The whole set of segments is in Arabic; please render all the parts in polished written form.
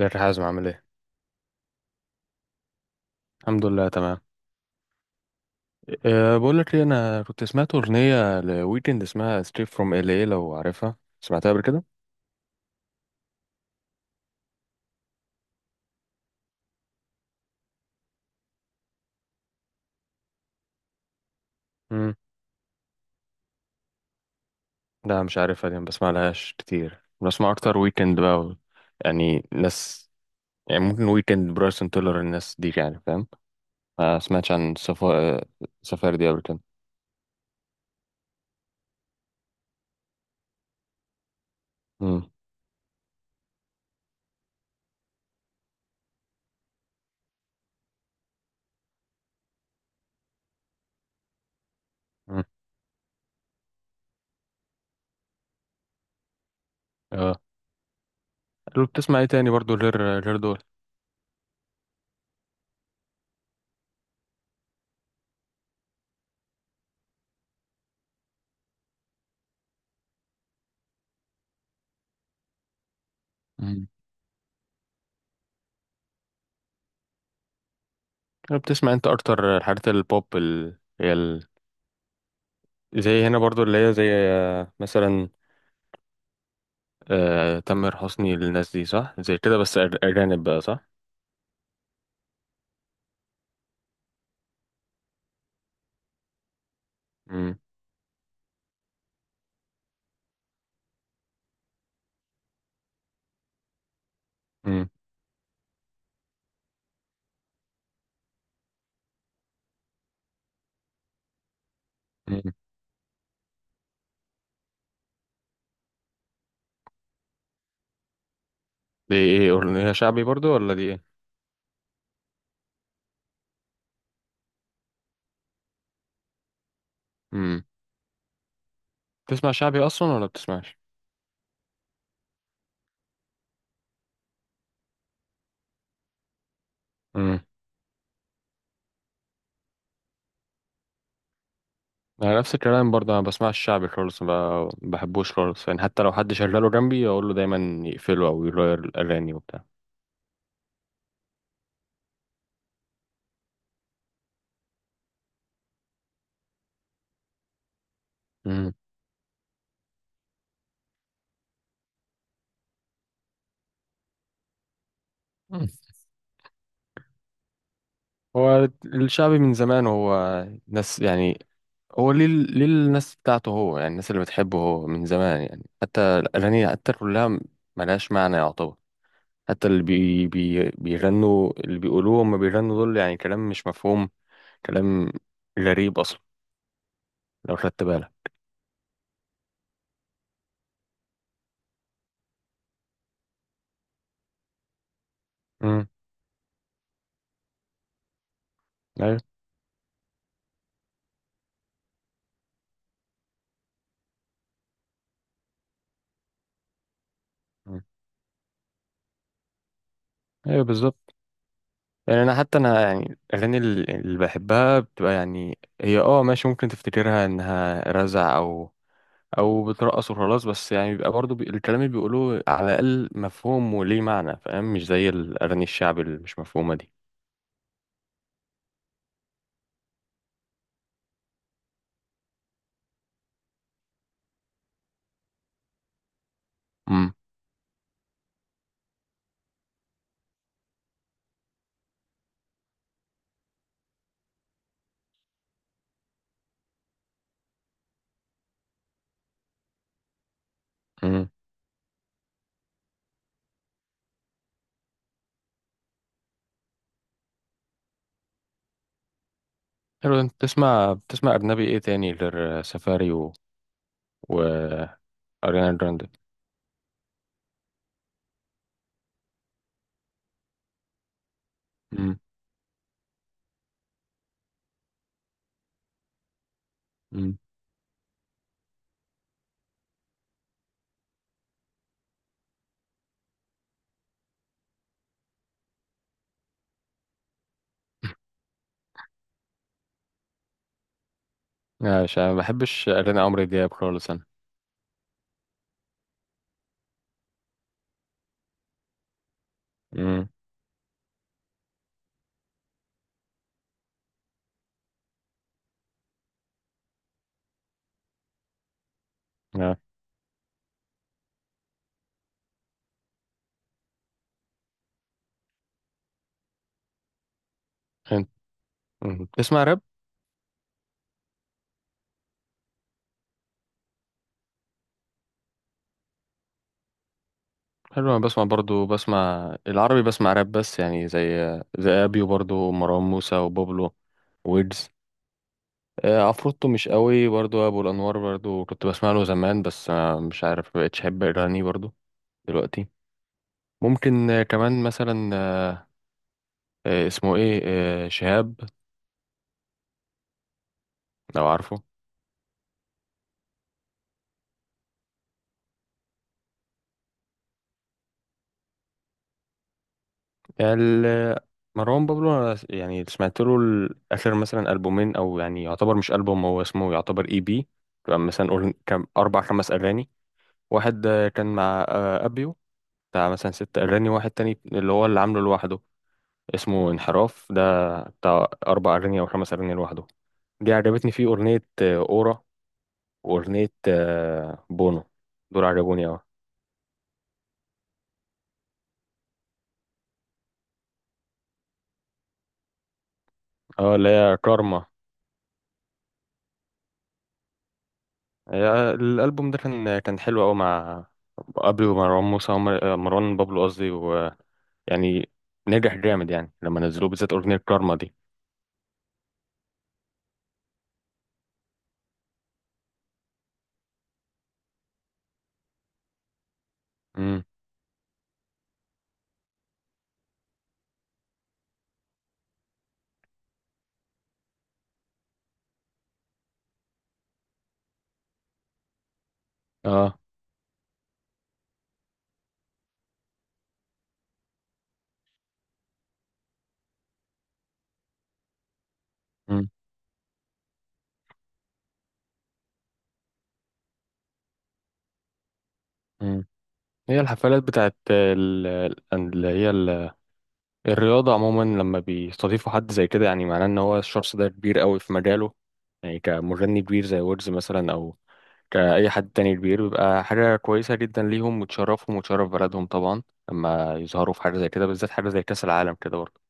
ازيك يا حازم، عامل ايه؟ الحمد لله تمام. بقول لك ايه، انا كنت سمعت اغنيه لويكند اسمها ستريت فروم ال اي، لو عارفها سمعتها قبل كده؟ امم لا، مش عارفها، دي ما بسمعلهاش كتير، بسمع اكتر ويكند بقى يعني ناس، يعني ممكن ويكند، برايسون تيلر، الناس دي، يعني فاهم. ما سمعتش عن سفاري دي قبل كده. امم امم. اه، لو بتسمع ايه تاني برضو، غير دول؟ امم. لو بتسمع انت اكتر الحاجات البوب زي هنا برضو اللي هي زي مثلا تامر حسني، للناس دي صح زي كده، بس اجانب بقى، صح؟ امم. امم. أمم. دي ايه، اغنيه شعبي برضو ولا دي ايه؟ امم. بتسمع شعبي اصلا ولا بتسمعش؟ امم. انا نفس الكلام برضه، انا بسمعش شعبي خالص، ما بحبوش خالص، يعني حتى لو حد شغله جنبي اقول له دايما يقفله او يغير الاغاني وبتاع. امم. أمم. هو الشعبي من زمان هو ناس يعني، هو ليه الناس بتاعته هو، يعني الناس اللي بتحبه هو من زمان، يعني حتى الأغاني حتى كلها ملهاش معنى يعتبر. حتى اللي بي بي بيغنوا، اللي بيقولوه هما بيغنوا دول، يعني كلام مش مفهوم، كلام غريب اصلا، لو خدت بالك. امم. ايوه. مم. ايوه بالظبط. يعني انا حتى انا، يعني الاغاني اللي بحبها بتبقى يعني هي اه ماشي، ممكن تفتكرها انها رزع او او بترقص وخلاص، بس يعني بيبقى برضه الكلام اللي بيقولوه على الاقل مفهوم وليه معنى فاهم، مش زي الاغاني الشعب اللي مش مفهومه دي. امم. امم. حلو، انت بتسمع اجنبي ايه تاني غير سفاري و اريانا جراندي؟ امم. امم. لا، مش أنا، ما بحبش اريانا، عمرو دياب خالص انا. امم. لا. انت مم، بتسمع راب؟ حلو، انا بسمع برضو، بسمع العربي، بسمع راب، بس يعني زي ابيو برضو، ومروان موسى، وبابلو، ويجز. عفروتو مش قوي برضو، ابو الانوار برضو كنت بسمع له زمان، بس مش عارف، مبقتش احب اغانيه برضو دلوقتي. ممكن كمان مثلا اسمه ايه، شهاب، لو عارفه. ال- مروان بابلو أنا يعني سمعت له اخر مثلا البومين، او يعني يعتبر مش البوم، هو اسمه يعتبر اي بي، تبقى مثلا قول كم اربع خمس اغاني. واحد كان مع ابيو، بتاع مثلا ست اغاني. واحد تاني اللي هو اللي عامله لوحده اسمه انحراف ده، بتاع اربع اغاني او خمس اغاني لوحده. دي عجبتني فيه اغنيه اورا، واغنيه بونو، دول عجبوني اوي. اه، اللي هي كارما. الالبوم ده كان حلو قوي مع ابري ومروان موسى ومر- آه، مروان بابلو قصدي، ويعني نجح جامد، يعني لما نزلوه بالذات اغنيه كارما دي. امم. اه. امم. امم. هي الحفلات بتاعت اللي هي الرياضه عموما، لما بيستضيفوا حد زي كده، يعني معناه ان هو الشخص ده كبير قوي في مجاله. يعني كمغني كبير زي ويجز مثلا، كأي حد تاني كبير، بيبقى حاجة كويسة جدا ليهم وتشرفهم وتشرف بلدهم طبعا، لما يظهروا في حاجة زي كده، بالذات حاجة زي كأس العالم كده برضه.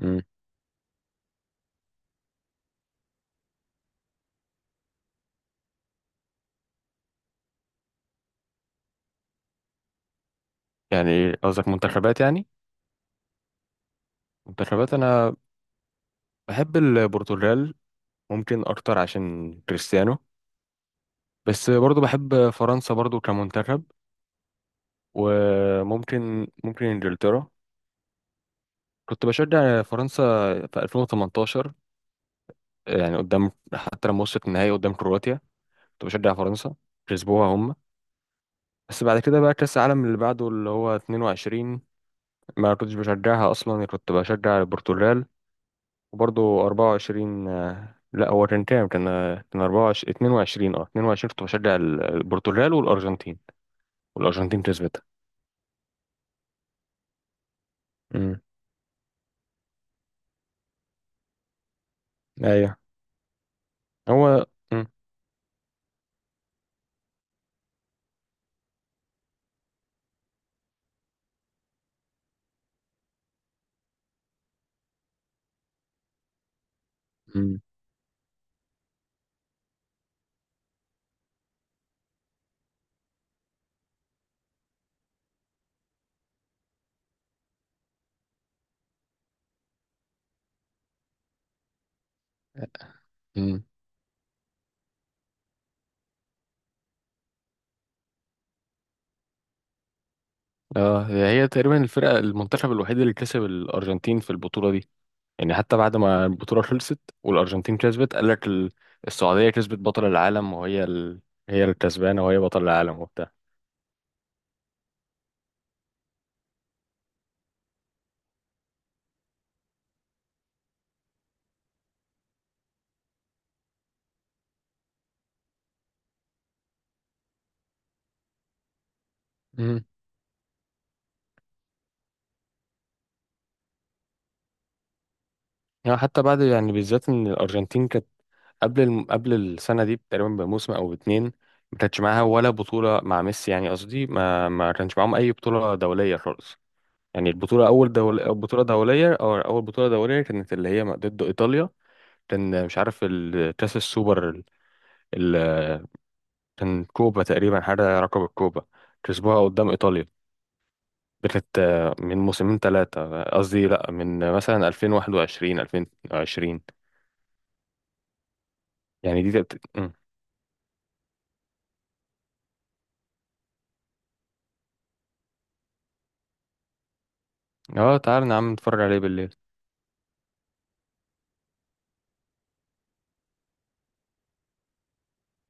مم. يعني قصدك منتخبات يعني؟ منتخبات أنا بحب البرتغال، ممكن أكتر عشان كريستيانو، بس برضه بحب فرنسا برضه كمنتخب، ممكن إنجلترا. كنت بشجع فرنسا في 2018، يعني قدام حتى لما وصلت النهائي قدام كرواتيا كنت بشجع فرنسا، كسبوها هم. بس بعد كده بقى كأس العالم اللي بعده اللي هو 22، ما كنتش بشجعها أصلا، كنت بشجع البرتغال. وبرضه 24، لا، هو كان كام، كان 24، 22. اه 22، كنت بشجع البرتغال والأرجنتين، والأرجنتين كسبت. امم. ايوه. هو مم. امم. مم. اه، هي تقريبا الفرقة، المنتخب الوحيد اللي كسب الأرجنتين في البطولة دي. يعني حتى بعد ما البطولة خلصت والأرجنتين كسبت قال لك السعودية كسبت بطل العالم، وهي هي الكسبانة وهي بطل العالم وبتاع. امم. يعني حتى بعد، يعني بالذات إن الأرجنتين كانت قبل قبل السنة دي تقريبا بموسم أو باتنين، ما كانتش معاها ولا بطولة مع ميسي، يعني قصدي ما كانش معاهم أي بطولة دولية خالص. يعني البطولة أول بطولة دولية، أو أول بطولة دولية كانت اللي هي ضد إيطاليا. كان مش عارف كأس السوبر ال... كان كوبا تقريبا، حاجة رقم الكوبا، كسبوها قدام إيطاليا. دي كانت من موسمين ثلاثة، قصدي لأ، من مثلا 2021 2020. يعني دي مم. اه، تعال نعم نتفرج عليه بالليل.